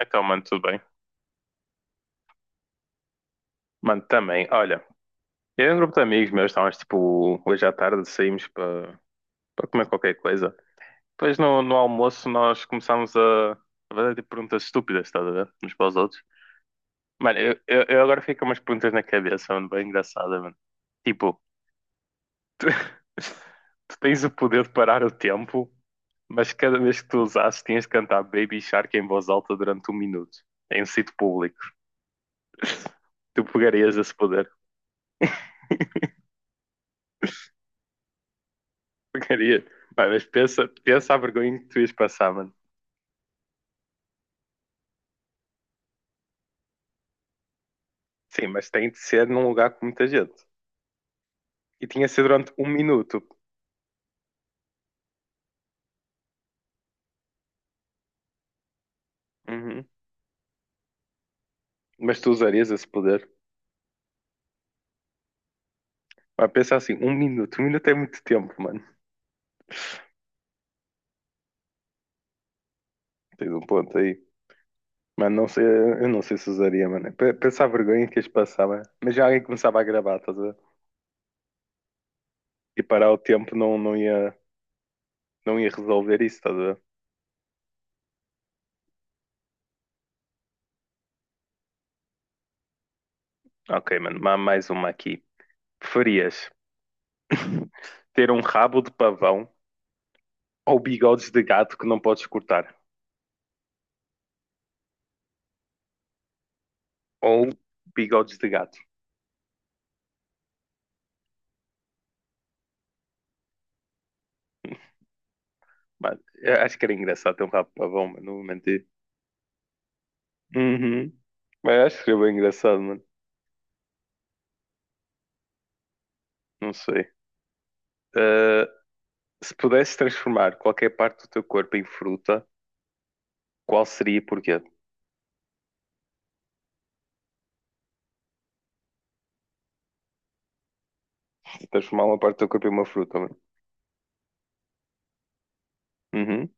Então, mano, tudo bem. Mano, também, olha, eu e um grupo de amigos meus, estávamos tipo, hoje à tarde saímos para comer qualquer coisa. Depois no almoço nós começámos a fazer tipo, perguntas estúpidas, estás a ver? Uns para os outros. Mano, eu agora fico com umas perguntas na cabeça, mano, bem engraçada, mano. Tipo, tu tens o poder de parar o tempo, mas cada vez que tu usasses tinhas de cantar Baby Shark em voz alta durante um minuto, em um sítio público. Tu pegarias esse poder? Porcaria. Pá, mas pensa, pensa a vergonha que tu ias passar, mano. Sim, mas tem de ser num lugar com muita gente. E tinha de ser durante um minuto. Uhum. Mas tu usarias esse poder. Pá, pensa assim, um minuto. Um minuto é muito tempo, mano. Tens um ponto aí. Mano, não sei, eu não sei se usaria, mano. Pensa a vergonha que ias passar, mano. Mas já alguém começava a gravar, estás a ver? E parar o tempo não, não ia resolver isso, estás a ver? Ok, mano, mais uma aqui. Preferias ter um rabo de pavão ou bigodes de gato que não podes cortar? Ou bigodes de gato. Mano, eu acho que era engraçado ter um rabo de pavão, mano. Não vou mentir. Uhum. Mas acho que seria bem engraçado, mano. Não sei. Uh, Se pudesses transformar qualquer parte do teu corpo em fruta, qual seria e porquê? Transformar uma parte do teu corpo em uma fruta, mano. Uhum.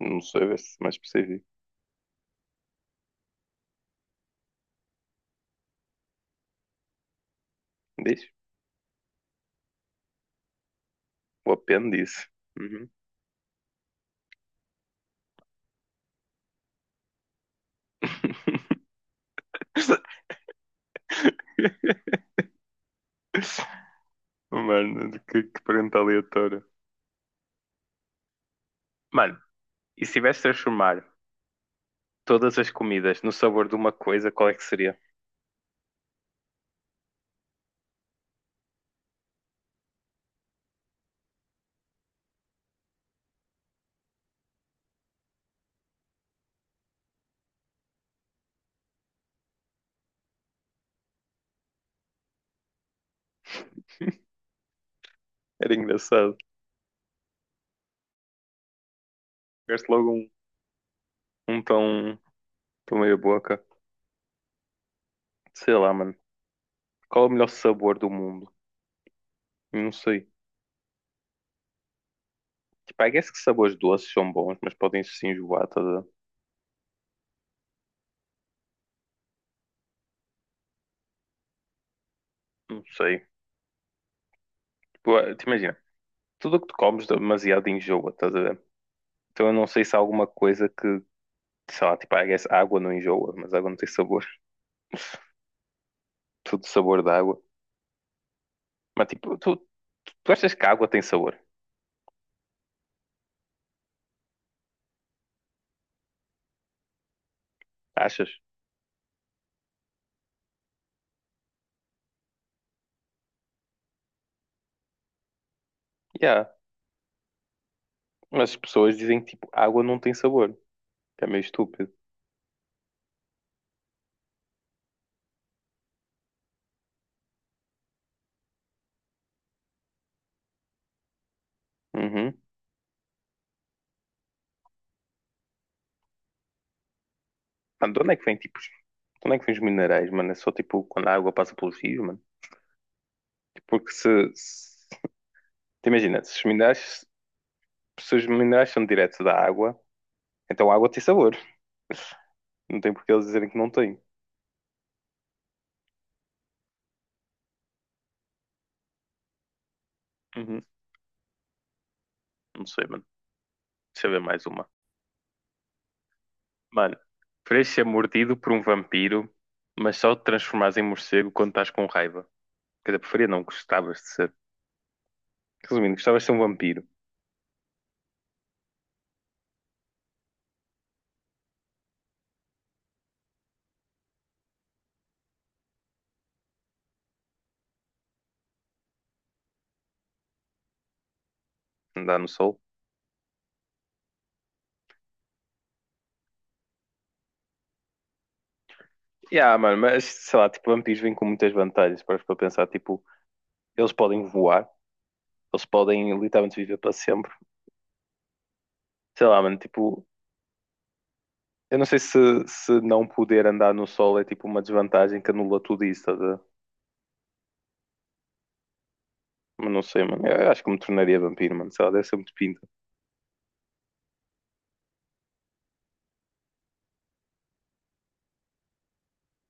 Não sei, vê se é mais específico. Diz? O apêndice. Uhum. Mano, que pergunta aleatória. Mano, e se tivesse de transformar todas as comidas no sabor de uma coisa, qual é que seria? Era engraçado. Gaste logo um tão, tão meia boca. Sei lá, mano. Qual é o melhor sabor do mundo? Não sei. Tipo, I guess que sabores doces são bons, mas podem se enjoar, estás a ver? Não sei. Tipo, ah, te imagina, tudo o que tu comes demasiado enjoa, estás a ver? Então eu não sei se há alguma coisa que, sei lá, tipo, I guess água não enjoa, mas água não tem sabor. Tudo sabor da água. Mas tipo, tu achas que a água tem sabor? Achas? Yeah. Mas as pessoas dizem que tipo, água não tem sabor. Que é meio estúpido. Uhum. Mano, de onde é que vem tipo onde é que vêm os minerais, mano? É só tipo quando a água passa pelos rios, mano. Porque se. Se... te imagina, se os minerais. Se os minerais são diretos da água, então a água tem sabor. Não tem porque eles dizerem que não tem. Uhum. Não sei, mano. Deixa eu ver mais uma. Mano, preferias ser mordido por um vampiro, mas só te transformares em morcego quando estás com raiva. Quer dizer, preferia não, gostavas de ser. Resumindo, gostavas de ser um vampiro. Andar no sol. Yeah, mano, mas sei lá, tipo, vampiros vêm com muitas vantagens. Para pensar, tipo, eles podem voar. Eles podem literalmente viver para sempre. Sei lá, mano, tipo, eu não sei se não poder andar no sol é tipo uma desvantagem que anula tudo isso, estás a ver? Mas não sei, mano. Eu acho que me tornaria vampiro, mano. Sei lá, deve ser muito pinta.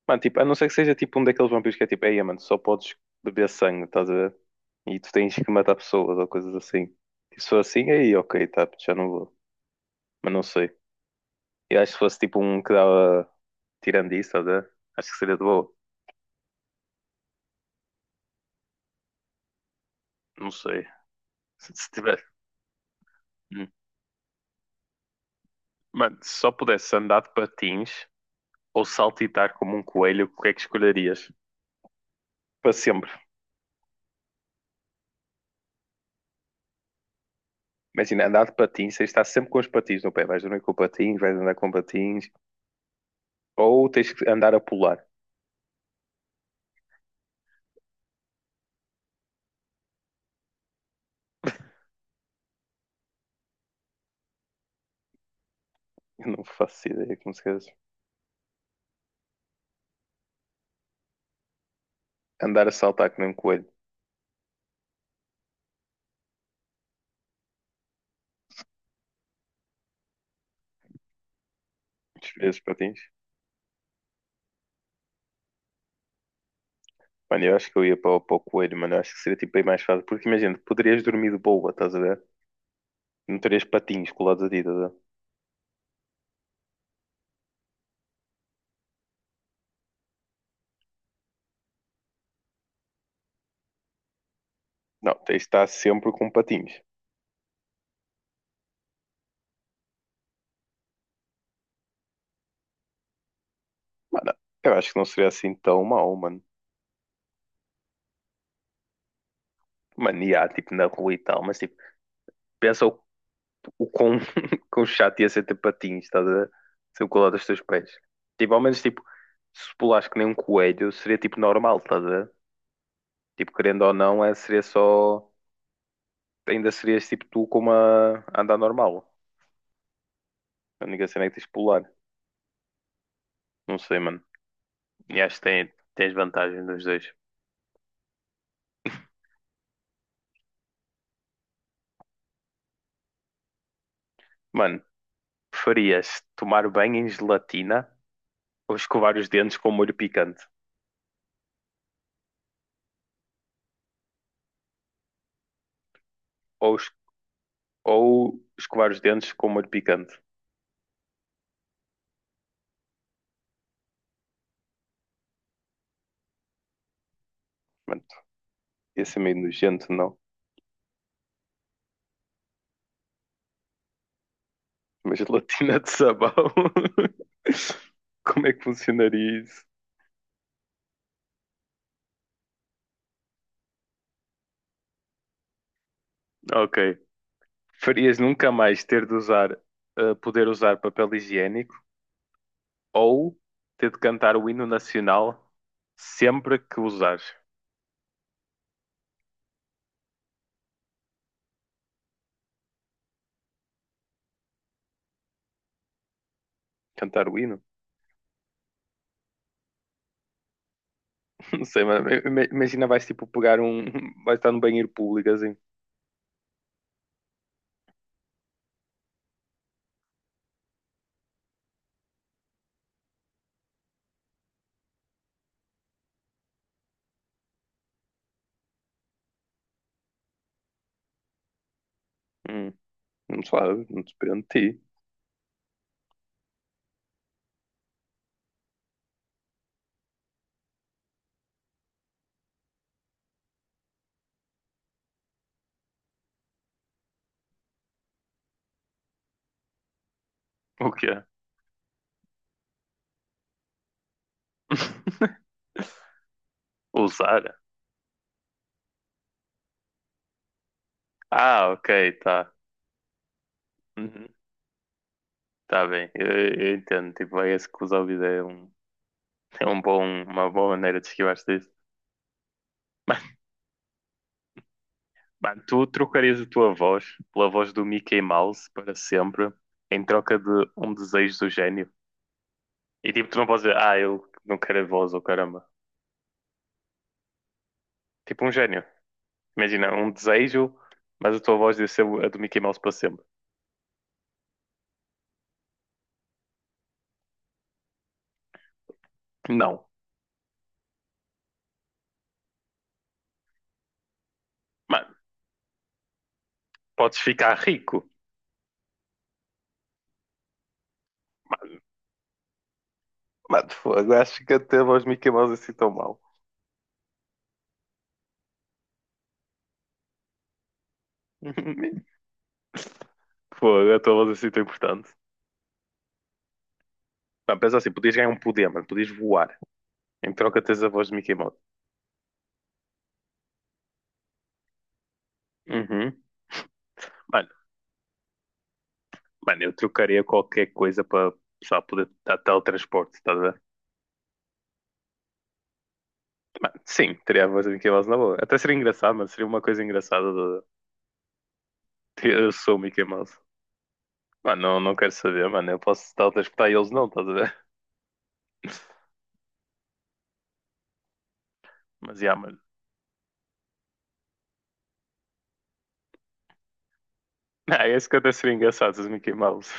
Mano, tipo, a não ser que seja tipo um daqueles vampiros que é tipo, ei, mano, só podes beber sangue, estás a ver? E tu tens que matar pessoas ou coisas assim. Tipo, se for assim, aí ok, tá, já não vou. Mas não sei. Eu acho que se fosse tipo um que dava tirando isso, estás a ver? Acho que seria de boa. Não sei. Se tiver. Hum. Mano, se só pudesse andar de patins, ou saltitar como um coelho, o que é que escolherias? Para sempre. Imagina, andar de patins, tens de estar sempre com os patins no pé. Vais dormir com patins, vais andar com patins. Ou tens que andar a pular. Eu não faço ideia como se queres. Andar a saltar como um coelho. Escolher os patins. Mano, eu acho que eu ia para, para o coelho, mano. Eu acho que seria tipo aí mais fácil. Porque imagina, poderias dormir de boa, estás a ver? Não terias patins colados a ti, estás a ver? Não, tens de estar sempre com patins. Mano, eu acho que não seria assim tão mau, mano. Mano, e há, tipo, na rua e tal, mas tipo, pensa o quão, quão chato ia ser ter patins, estás a ver? Ser o colar dos teus pés. Tipo, ao menos, tipo, se pulares que nem um coelho, seria tipo normal, estás a ver? Tipo, querendo ou não, é, seria só. Ainda serias tipo tu com uma a andar normal. A única cena é que tens de pular. Não sei, mano. E acho que tens vantagem dos dois. Mano, preferias tomar banho em gelatina ou escovar os dentes com molho picante? Ou, ou escovar os dentes com molho picante? Mano, ia ser meio nojento, não? Uma gelatina de sabão. Como é que funcionaria isso? Ok. Farias nunca mais ter de usar, poder usar papel higiênico ou ter de cantar o hino nacional sempre que usares. Cantar o hino? Não sei, mas imagina vais tipo pegar um. Vais estar num banheiro público assim. Hum, não sabe, não depende de ti. O quê? Usar? Ah, ok, tá. Uhum, tá bem, eu entendo. Tipo, é esse que usa o vídeo é um. É uma boa maneira de esquivar-se disso. Mas, mano, tu trocarias a tua voz pela voz do Mickey Mouse para sempre em troca de um desejo do gênio? E tipo, tu não podes dizer, ah, eu não quero a voz, ou caramba. Tipo um gênio. Imagina, um desejo, mas a tua voz ia ser a do Mickey Mouse para sempre. Não. Mano, podes ficar rico. Mano, fogo, acho que até a voz do Mickey Mouse é assim tão mal. Fogo, a tua voz é assim tão importante. Mano, pensa assim, podias ganhar um poder, mano, podias voar. Em troca tens a voz do Mickey Mouse. Uhum. Mano, Mano, eu trocaria qualquer coisa para só poder dar teletransporte, estás a ver? Mano, sim, teria a voz do Mickey Mouse na boa. Até seria engraçado, mano, seria uma coisa engraçada. De... Eu sou o Mickey Mouse. Mano, não, não quero saber, mano, eu posso teletransportar e eles não, estás a ver? Mas, já, mano. Ah, esse que até seria engraçado, se és o Mickey Mouse.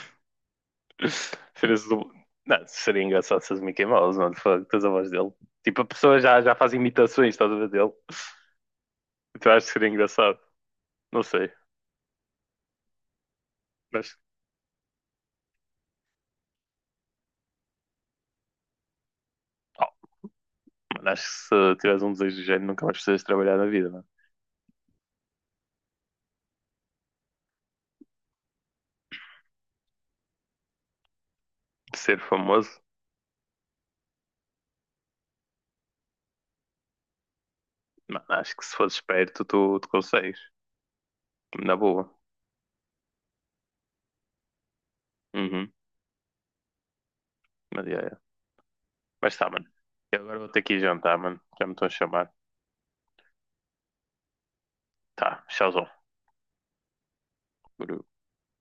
Serias do... Não, seria engraçado se és o Mickey Mouse, mano, fuck, tens a voz dele. Tipo, a pessoa já faz imitações, estás a ver, dele. Então acho que seria engraçado. Não sei, mas mano, acho que se tiveres um desejo do género, nunca mais precisas trabalhar na vida, mano. Ser famoso, mano, acho que se fores esperto, tu consegues. Na boa. Uhum. Mas, yeah, yeah. Mas tá, mano. Eu agora vou ter que ir jantar, mano. Já me estão a chamar. Tá, tchauzão.